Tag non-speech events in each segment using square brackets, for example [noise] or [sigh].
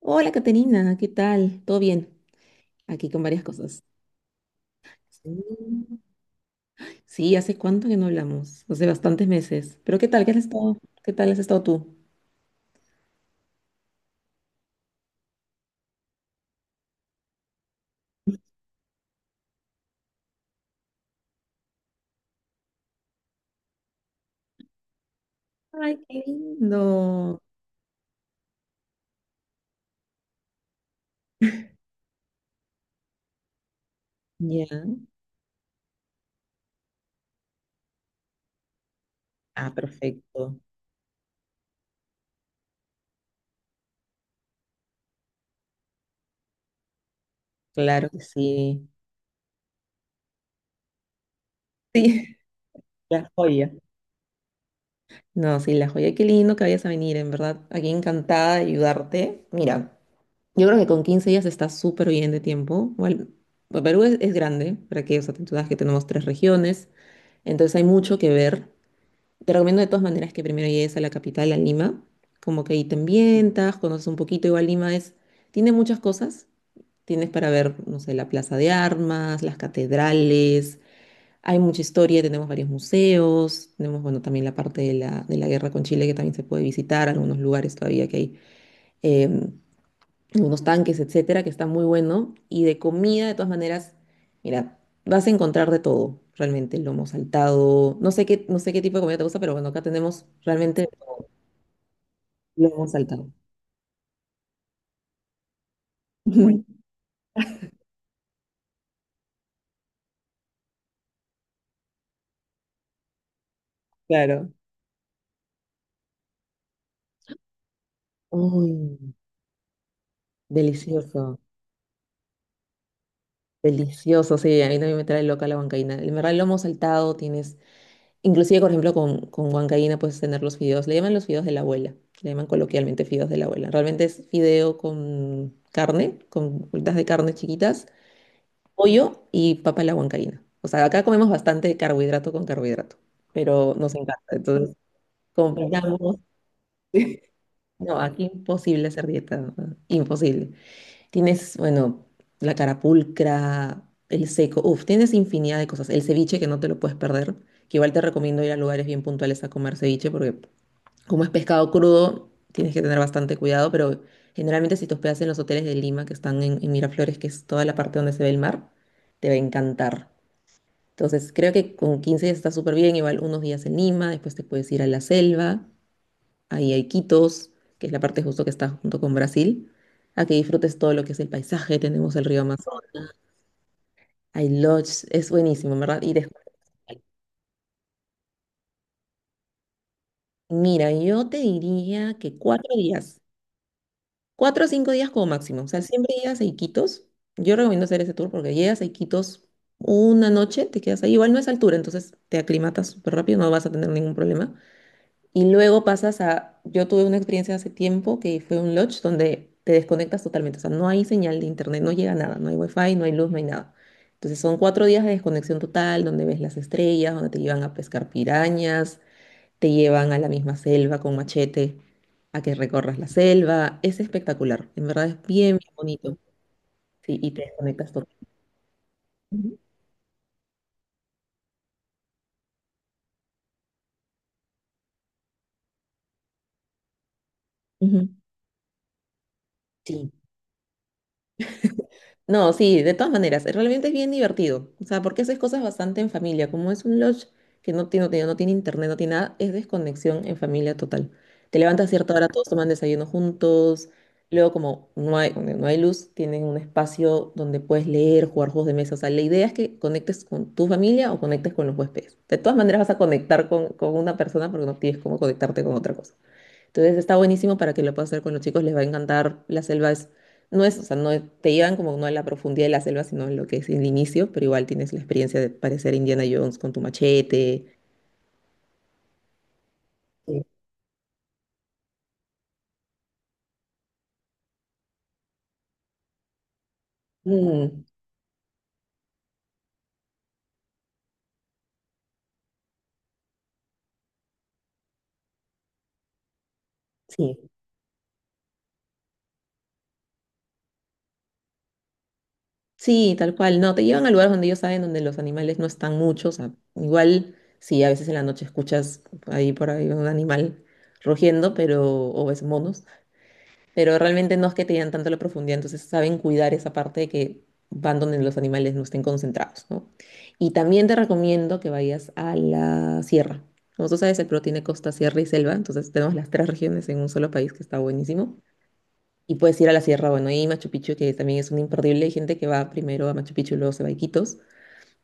Hola, Caterina, ¿qué tal? ¿Todo bien? Aquí con varias cosas. Sí, Sí, ¿hace cuánto que no hablamos? Hace bastantes meses. Pero ¿qué tal? ¿Qué has estado? ¿Qué tal has estado tú? Ay, qué lindo. Ya. Ah, perfecto. Claro que sí. Sí, [laughs] la joya. No, sí, la joya. Qué lindo que vayas a venir, en verdad. Aquí encantada de ayudarte. Mira, yo creo que con 15 días está súper bien de tiempo. Bueno, pues Perú es grande, para que, o sea, tú sabes que tenemos tres regiones, entonces hay mucho que ver. Te recomiendo de todas maneras que primero llegues a la capital, a Lima, como que ahí te ambientas, conoces un poquito, igual Lima es, tiene muchas cosas, tienes para ver, no sé, la Plaza de Armas, las catedrales, hay mucha historia, tenemos varios museos, tenemos, bueno, también la parte de la guerra con Chile que también se puede visitar, algunos lugares todavía que hay. em, Unos tanques, etcétera, que está muy bueno. Y de comida, de todas maneras, mira, vas a encontrar de todo, realmente, lomo saltado. No sé qué, no sé qué tipo de comida te gusta, pero bueno, acá tenemos realmente lomo saltado. [laughs] Claro. Uy, delicioso, delicioso. Sí, a mí también me trae loca la huancaína. En verdad, el lomo saltado tienes, inclusive, por ejemplo, con huancaína puedes tener los fideos. Le llaman los fideos de la abuela. Le llaman coloquialmente fideos de la abuela. Realmente es fideo con carne, con bolitas de carne chiquitas pollo y papa a la huancaína. O sea, acá comemos bastante carbohidrato con carbohidrato, pero nos encanta. Entonces, compramos. No, aquí imposible hacer dieta, ¿no? Imposible. Tienes, bueno, la carapulcra, el seco, uf, tienes infinidad de cosas. El ceviche que no te lo puedes perder, que igual te recomiendo ir a lugares bien puntuales a comer ceviche, porque como es pescado crudo, tienes que tener bastante cuidado, pero generalmente si te hospedas en los hoteles de Lima, que están en Miraflores, que es toda la parte donde se ve el mar, te va a encantar. Entonces, creo que con 15 días está súper bien, igual unos días en Lima, después te puedes ir a la selva, ahí hay Quitos, que es la parte justo que está junto con Brasil, a que disfrutes todo lo que es el paisaje, tenemos el río Amazonas, hay lodge, es buenísimo, ¿en verdad? Y después, mira, yo te diría que 4 días, 4 o 5 días como máximo, o sea, siempre llegas a Iquitos, yo recomiendo hacer ese tour porque llegas a Iquitos una noche, te quedas ahí, igual no es altura, entonces te aclimatas súper rápido, no vas a tener ningún problema. Y luego pasas a, yo tuve una experiencia hace tiempo que fue un lodge donde te desconectas totalmente, o sea, no hay señal de internet, no llega nada, no hay wifi, no hay luz, no hay nada. Entonces son 4 días de desconexión total, donde ves las estrellas, donde te llevan a pescar pirañas, te llevan a la misma selva con machete, a que recorras la selva. Es espectacular, en verdad es bien, bien bonito. Sí, y te desconectas totalmente. Sí. No, sí, de todas maneras, realmente es bien divertido. O sea, porque haces cosas bastante en familia. Como es un lodge que no tiene internet, no tiene nada, es desconexión en familia total. Te levantas a cierta hora, todos toman desayuno juntos. Luego, como no hay, donde no hay luz, tienen un espacio donde puedes leer, jugar juegos de mesa. O sea, la idea es que conectes con tu familia o conectes con los huéspedes. De todas maneras, vas a conectar con una persona porque no tienes cómo conectarte con otra cosa. Entonces está buenísimo para que lo puedas hacer con los chicos, les va a encantar. La selva es, no es, o sea, no es- te llevan como no a la profundidad de la selva, sino en lo que es el inicio, pero igual tienes la experiencia de parecer Indiana Jones con tu machete. Sí. Mm, sí, sí, tal cual. No, te llevan a lugares donde ellos saben donde los animales no están muchos. O sea, igual, sí, a veces en la noche escuchas ahí por ahí un animal rugiendo, pero, o ves monos, pero realmente no es que te dan tanto la profundidad, entonces saben cuidar esa parte de que van donde los animales no estén concentrados, ¿no? Y también te recomiendo que vayas a la sierra. Como tú sabes, el Perú tiene costa, sierra y selva, entonces tenemos las tres regiones en un solo país que está buenísimo. Y puedes ir a la sierra, bueno, y Machu Picchu, que también es un imperdible. Hay gente que va primero a Machu Picchu y luego se va a Iquitos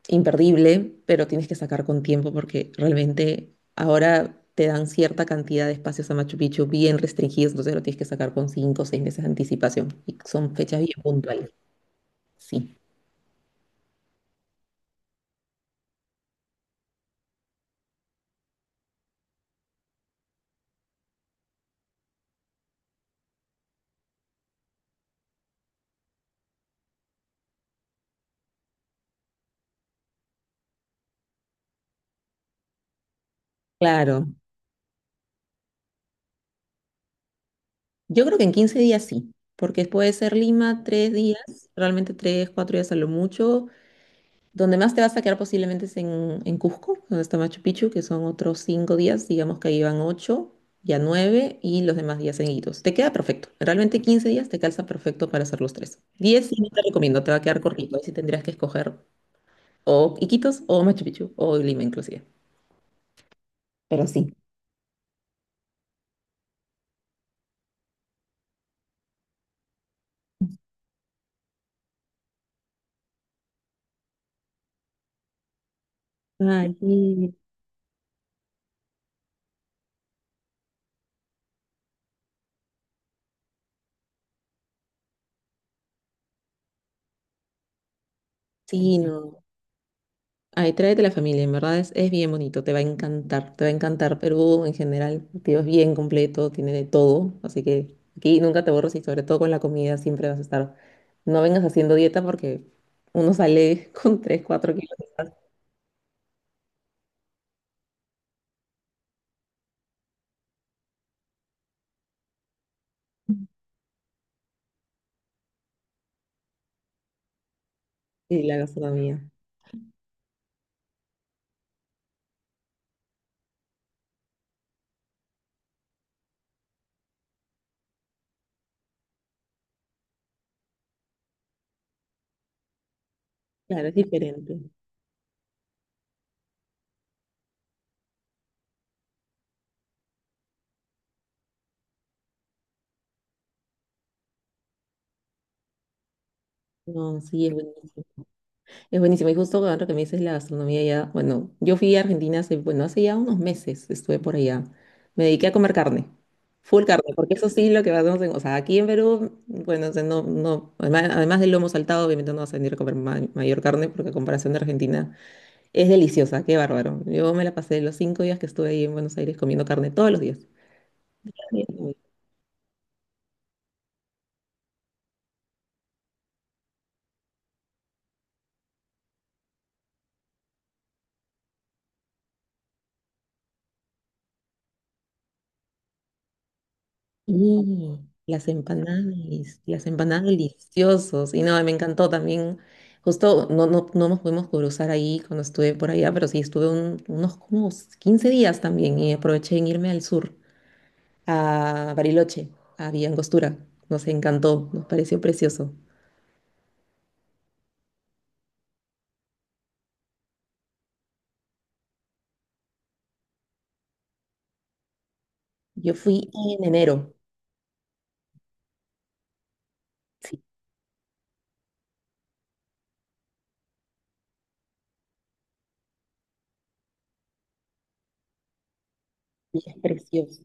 imperdible, pero tienes que sacar con tiempo porque realmente ahora te dan cierta cantidad de espacios a Machu Picchu bien restringidos, entonces lo tienes que sacar con 5 o 6 meses de anticipación y son fechas bien puntuales. Sí, claro. Yo creo que en 15 días sí, porque puede ser Lima 3 días, realmente tres, 4 días a lo mucho. Donde más te vas a quedar posiblemente es en Cusco, donde está Machu Picchu, que son otros 5 días, digamos que ahí van ocho, ya nueve, y los demás días seguidos. Te queda perfecto. Realmente 15 días te calza perfecto para hacer los tres. Diez sí no te recomiendo, te va a quedar cortito. Ahí sí tendrías que escoger o Iquitos o Machu Picchu o Lima inclusive. Pero sí. Ay, sí, sí, no. Ay, tráete la familia, en verdad es bien bonito, te va a encantar, te va a encantar. Perú en general, tío, es bien completo, tiene de todo, así que aquí nunca te borras y sobre todo con la comida siempre vas a estar. No vengas haciendo dieta porque uno sale [laughs] con 3 4 kilos de más y la gastronomía. Claro, es diferente. No, sí, es buenísimo. Es buenísimo. Y justo ahora que me dices la gastronomía ya, bueno, yo fui a Argentina hace, bueno, hace ya unos meses estuve por allá. Me dediqué a comer carne. Full carne, porque eso sí lo que hacemos en, o sea, aquí en Perú, bueno, o sea, no, no, además, además del lomo saltado, obviamente no vas a venir a comer mayor carne, porque a comparación de Argentina es deliciosa, qué bárbaro. Yo me la pasé los 5 días que estuve ahí en Buenos Aires comiendo carne todos los días. Y las empanadas, las empanadas deliciosas. Y no, me encantó también. Justo no, no, no nos pudimos cruzar ahí cuando estuve por allá, pero sí estuve unos como 15 días también y aproveché en irme al sur, a Bariloche, a Villa Angostura. Nos encantó, nos pareció precioso. Yo fui en enero. Sí, y es precioso,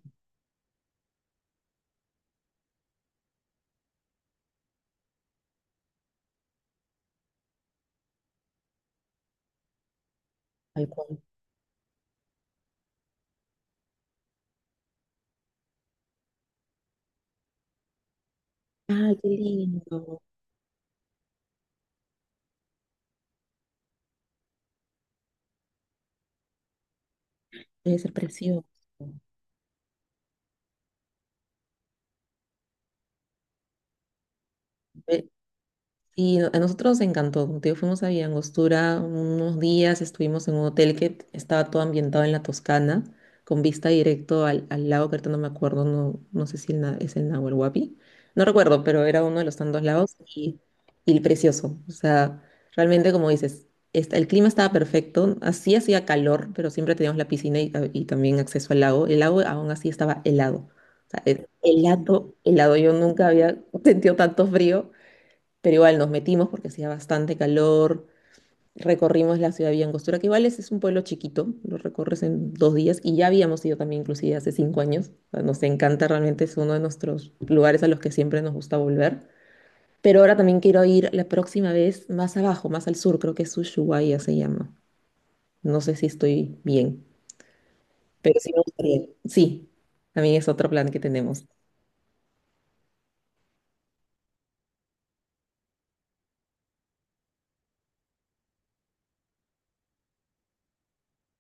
tal cual. Ay, qué lindo. Debe ser precioso. Y a nosotros nos encantó. Como te digo, fuimos a Villangostura unos días, estuvimos en un hotel que estaba todo ambientado en la Toscana, con vista directo al, al lago, que ahorita no me acuerdo, no, no sé si es el Nahuel Huapi. No recuerdo, pero era uno de los tantos lagos y precioso. O sea, realmente, como dices, el clima estaba perfecto. Así hacía calor, pero siempre teníamos la piscina y, ah, y también acceso al lago. El lago aún así estaba helado. O sea, es helado, helado. Yo nunca había [laughs] sentido tanto frío pero igual nos metimos porque hacía bastante calor, recorrimos la ciudad de Villa Angostura, que igual es un pueblo chiquito, lo recorres en 2 días y ya habíamos ido también inclusive hace 5 años. O sea, nos encanta realmente, es uno de nuestros lugares a los que siempre nos gusta volver, pero ahora también quiero ir la próxima vez más abajo, más al sur, creo que es Ushuaia se llama, no sé si estoy bien, pero sí me gustaría, sí, también es otro plan que tenemos.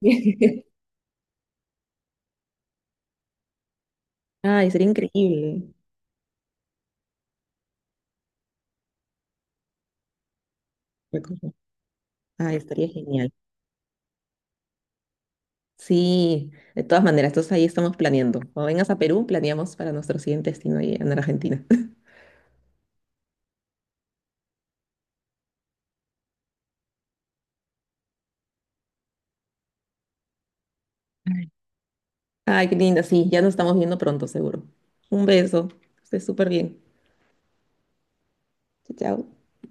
[laughs] Ay, sería increíble. Recorrer. Ay, estaría genial. Sí, de todas maneras, entonces ahí estamos planeando. Cuando vengas a Perú, planeamos para nuestro siguiente destino ahí en Argentina. [laughs] Ay, qué linda, sí, ya nos estamos viendo pronto, seguro. Un beso, estés súper bien. Chao, chao.